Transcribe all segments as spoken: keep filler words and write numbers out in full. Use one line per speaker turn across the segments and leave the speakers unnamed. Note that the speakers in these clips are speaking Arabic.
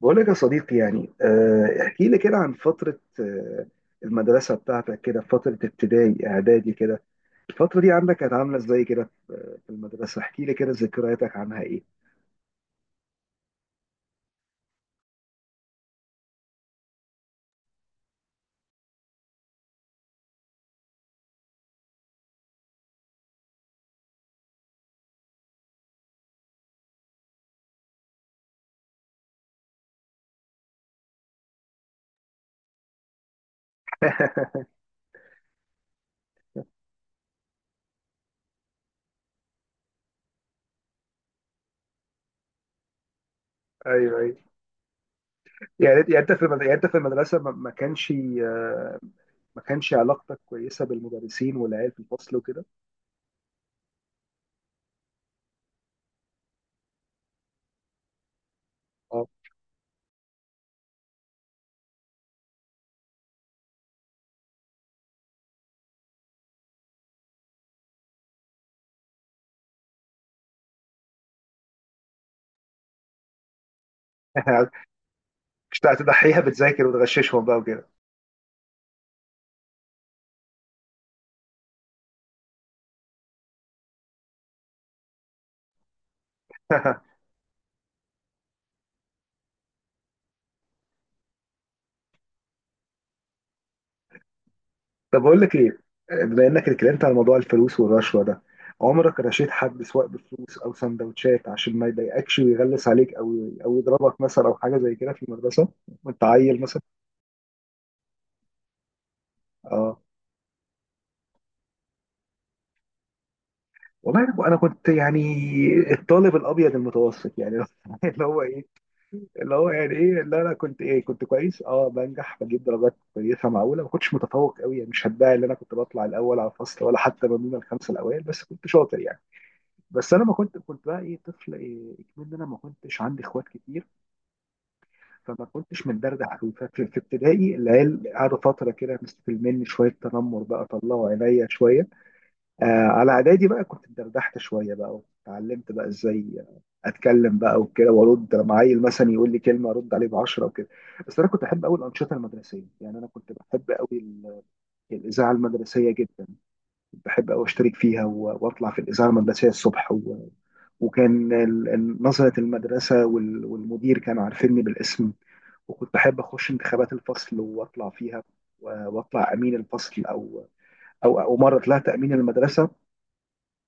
بقول لك يا صديقي يعني آه، احكي لي كده عن فترة آه، المدرسة بتاعتك كده، فترة ابتدائي إعدادي كده. الفترة دي عندك كانت عاملة ازاي كده في آه، في المدرسة؟ احكي لي كده ذكرياتك عنها ايه. ايوه، ايوه. يعني يعني انت في المد... يعني انت في المدرسه ما ما كانش آه، ما كانش علاقتك كويسه بالمدرسين والعيال في الفصل وكده؟ اه. كنت هتضحيها بتذاكر وتغششهم بقى وكده. طب اقول لك ايه، بما انك اتكلمت على موضوع الفلوس والرشوه ده، عمرك رشيت حد سواء بفلوس او سندوتشات عشان ما يضايقكش ويغلس عليك او او يضربك مثلا او حاجه زي كده في المدرسه وانت عيل مثلا؟ اه. والله انا أنا كنت يعني الطالب الابيض المتوسط يعني. اللي هو ايه، اللي هو يعني ايه، لا انا كنت ايه كنت كويس، اه بنجح بجيب درجات كويسه معقوله، ما كنتش متفوق قوي يعني، مش هدعي ان انا كنت بطلع الاول على الفصل ولا حتى ما بين الخمسه الاوائل، بس كنت شاطر يعني. بس انا ما كنت كنت بقى ايه طفل، إيه كمان انا ما كنتش عندي اخوات كتير. فما كنتش متدردح قوي، ففي في ابتدائي العيال قعدوا فتره كده مستقل مني شويه، تنمر بقى، طلعوا عينيا شويه. آه على اعدادي بقى كنت اتدردحت شويه بقى، واتعلمت بقى ازاي اتكلم بقى وكده، وارد لما عيل مثلا يقول لي كلمه ارد عليه بعشره وكده. بس انا كنت احب قوي الانشطه المدرسيه يعني، انا كنت بحب قوي الاذاعه المدرسيه جدا. بحب أوي أشترك فيها و- وأطلع في الإذاعة المدرسية الصبح و... وكان ال- ال- نظرة المدرسة وال- والمدير كانوا عارفيني بالاسم. وكنت بحب أخش انتخابات الفصل وأطلع فيها و- وأطلع أمين الفصل أو أو أو مرة طلعت أمين المدرسة.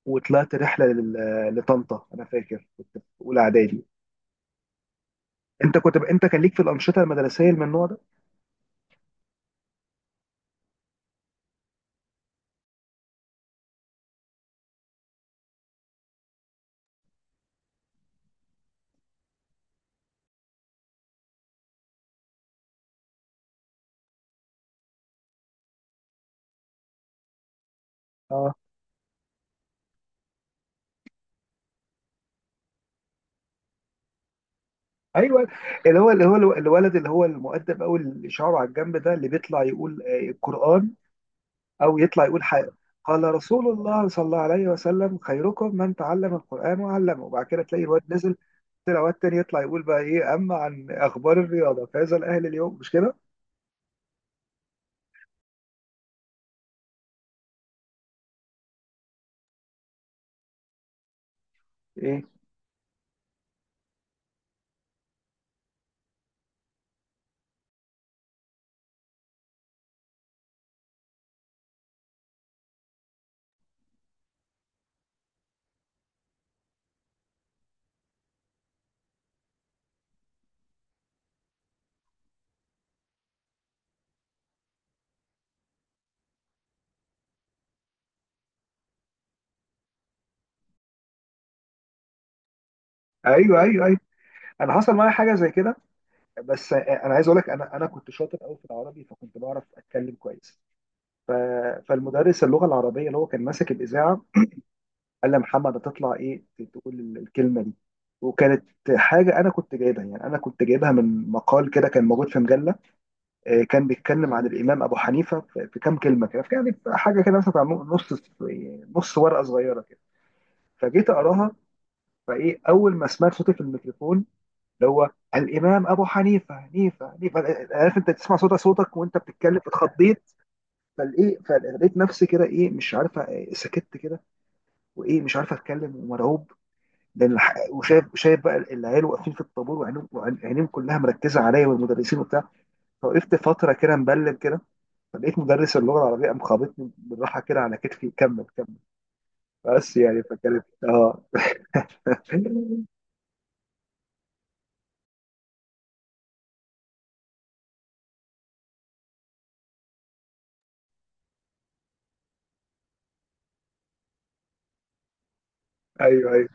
وطلعت رحلة لل- لطنطا، أنا فاكر كنت في أولى إعدادي. أنت كنت ب... أنت كان ليك في الأنشطة المدرسية من النوع ده؟ اه. ايوه. اللي هو اللي هو الولد اللي هو المؤدب او اللي شعره على الجنب ده اللي بيطلع يقول آه، القرآن أو يطلع يقول حاجة. قال رسول الله صلى الله عليه وسلم: خيركم من تعلم القرآن وعلمه. وبعد كده تلاقي الواد نزل، طلع واد تاني يطلع يقول بقى إيه أما عن أخبار الرياضة فهذا الأهل اليوم، مش كده؟ إيه، أيوه، أيوه، أيوه، أنا حصل معايا حاجة زي كده. بس أنا عايز أقول لك أنا أنا كنت شاطر أوي في العربي، فكنت بعرف أتكلم كويس. ف... فالمدرس اللغة العربية اللي هو كان ماسك الإذاعة قال لي: يا محمد، هتطلع إيه تقول الكلمة دي. وكانت حاجة أنا كنت جايبها يعني، أنا كنت جايبها من مقال كده كان موجود في مجلة، آه، كان بيتكلم عن الامام ابو حنيفه في في كام كلمه كده، في يعني في حاجه كده مثلا بتاع نص، نص ورقه صغيره كده. فجيت اقراها، فايه اول ما سمعت صوتي في الميكروفون، اللي هو الامام ابو حنيفه حنيفه حنيفه. عارف انت تسمع صوت صوتك وانت بتتكلم، اتخضيت. فالايه فلقيت نفسي كده ايه مش عارفه، آه، سكت كده، وايه مش عارفه اتكلم ومرعوب. لان الح- وشايف شايف بقى العيال واقفين في الطابور وعينيهم وعينيهم كلها مركزه عليا والمدرسين وبتاع. فوقفت فتره كده مبلم كده، فلقيت مدرس اللغه العربيه قام خابطني بالراحه كده على كتفي: كمل كمل. بس يعني فكانت اه ايوه، ايوه.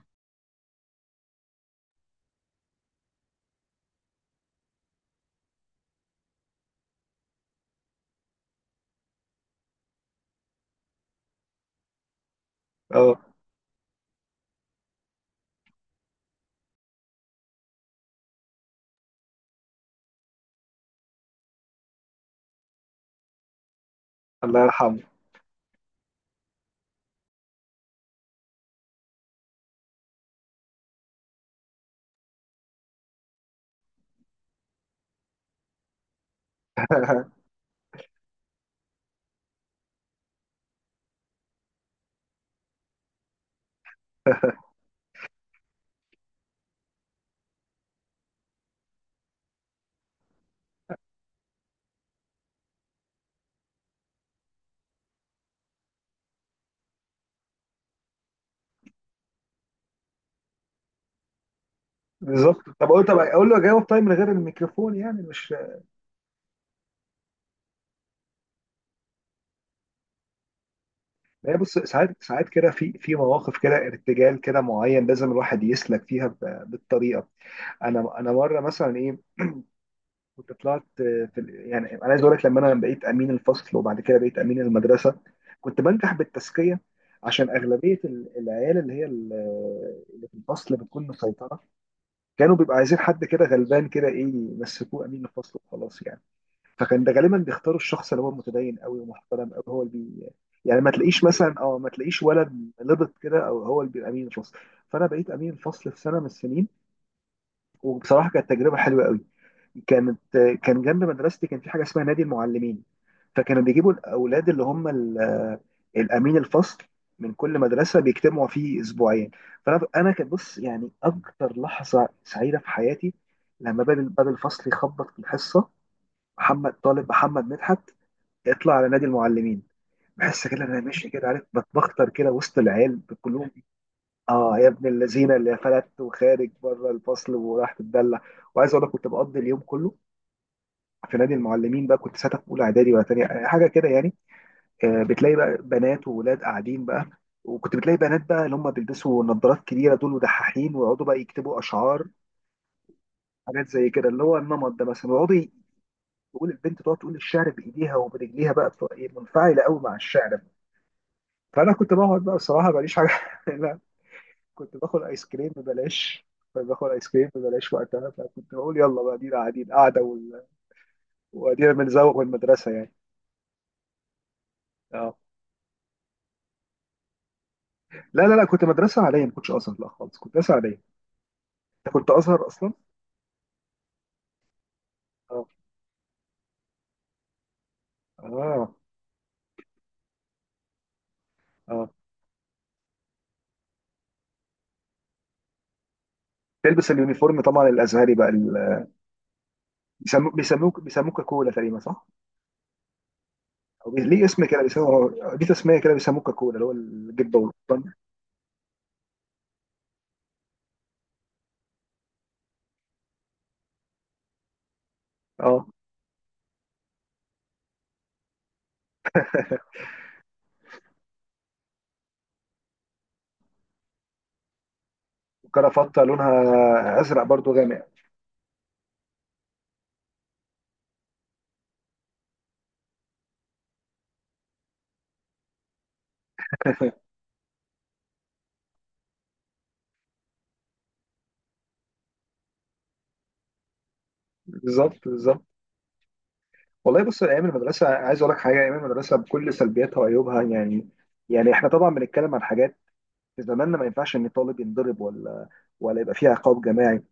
اه. الله يرحمه. بالظبط. طب اقول طب اقول له اجاوب طيب من غير الميكروفون يعني، مش. لا بص، ساعات ساعات كده في في مواقف كده ارتجال كده معين، لازم الواحد يسلك فيها ب- بالطريقه. انا انا مره مثلا ايه كنت طلعت في ال- يعني انا عايز اقول لك، لما انا بقيت امين الفصل وبعد كده بقيت امين المدرسه، كنت بنجح بالتزكيه. عشان اغلبيه ال- العيال اللي هي ال- اللي في الفصل بتكون مسيطره، كانوا بيبقى عايزين حد كده غلبان كده ايه يمسكوه امين الفصل وخلاص يعني. فكان ده غالبا بيختاروا الشخص اللي هو متدين قوي ومحترم قوي، هو اللي بي يعني ما تلاقيش مثلا اه ما تلاقيش ولد لبط كده او هو اللي بيبقى امين الفصل. فانا بقيت امين الفصل في سنه من السنين، وبصراحه كانت تجربه حلوه قوي. كانت كان جنب مدرستي كان في حاجه اسمها نادي المعلمين، فكانوا بيجيبوا الاولاد اللي هم ال- الامين الفصل من كل مدرسه، بيجتمعوا فيه اسبوعين. فانا انا كانت، بص يعني، اكتر لحظه سعيده في حياتي لما باب باب الفصل يخبط في الحصه: محمد طالب محمد مدحت يطلع على نادي المعلمين. بحس كده إن انا ماشي كده، عارف، بتبختر كده وسط العيال كلهم. اه يا ابن اللذينه اللي فلت وخارج بره الفصل وراح تتدلع. وعايز اقول لك كنت بقضي اليوم كله في نادي المعلمين بقى، كنت ساعتها في اولى اعدادي ولا تانية، آه، حاجه كده يعني. آه، بتلاقي بقى بنات وولاد قاعدين بقى، وكنت بتلاقي بنات بقى اللي هم بيلبسوا نظارات كبيره دول ودحاحين ويقعدوا بقى يكتبوا اشعار، حاجات زي كده اللي هو النمط ده مثلا، ويقعدوا ي- تقول البنت تقعد تقول الشعر بايديها وبرجليها بقى، بتبقى إيه، منفعله قوي مع الشعر. فانا كنت بقعد بقى، بصراحه ماليش حاجه. كنت باخد ايس كريم ببلاش. كنت باخد ايس كريم ببلاش وقتها، فكنت بقول يلا بقى ادينا قاعدين قاعده وال- وادينا بنزوغ من المدرسه يعني. اه. لا، لا، لا، كنت مدرسه عاديه، ما كنتش ازهر، لا خالص، كنت مدرسه عاديه. انت كنت ازهر اصلا. اه، اه، اه. تلبس اليونيفورم طبعا الازهري بقى ال- بيسمو- بيسموك بيسموك كولا تقريبا، صح؟ أو بي- ليه اسم كده بيسموه، دي تسميه كده بيسموك كولا، اللي هو الجبه والقطن. اه، وكرافته لونها ازرق برضو غامق. بالظبط، بالظبط. والله بص، ايام المدرسه، عايز اقول لك حاجه، ايام المدرسه بكل سلبياتها وعيوبها يعني يعني احنا طبعا بنتكلم عن حاجات في زماننا ما ينفعش ان طالب ينضرب، ولا ولا يبقى فيها عقاب جماعي.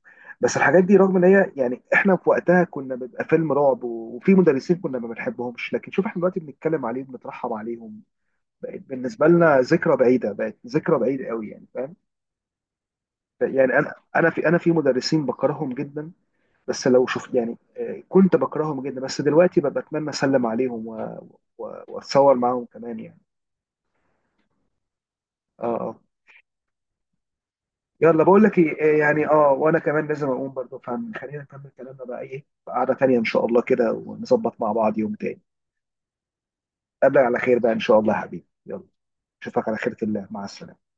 بس الحاجات دي رغم ان هي، يعني احنا في وقتها كنا بيبقى فيلم رعب، و- وفي مدرسين كنا ما بنحبهمش، لكن شوف احنا دلوقتي بنتكلم عليهم بنترحم عليهم. بقت بالنسبه لنا ذكرى بعيده، بقت ذكرى بعيده قوي يعني، فاهم؟ ف- يعني انا انا في انا في مدرسين بكرههم جدا، بس لو شوف يعني، آه، كنت بكرههم جدا بس دلوقتي ببقى اتمنى اسلم عليهم و- و- واتصور معاهم كمان يعني. اه، اه. يلا بقول لك ايه، آه، يعني، اه وانا كمان لازم اقوم برضه، فخلينا نكمل كلامنا بقى ايه في قعدة تانية ان شاء الله كده، ونظبط مع بعض يوم تاني. قبل على خير بقى ان شاء الله يا حبيبي، يلا، اشوفك على خيرة الله، مع السلامة.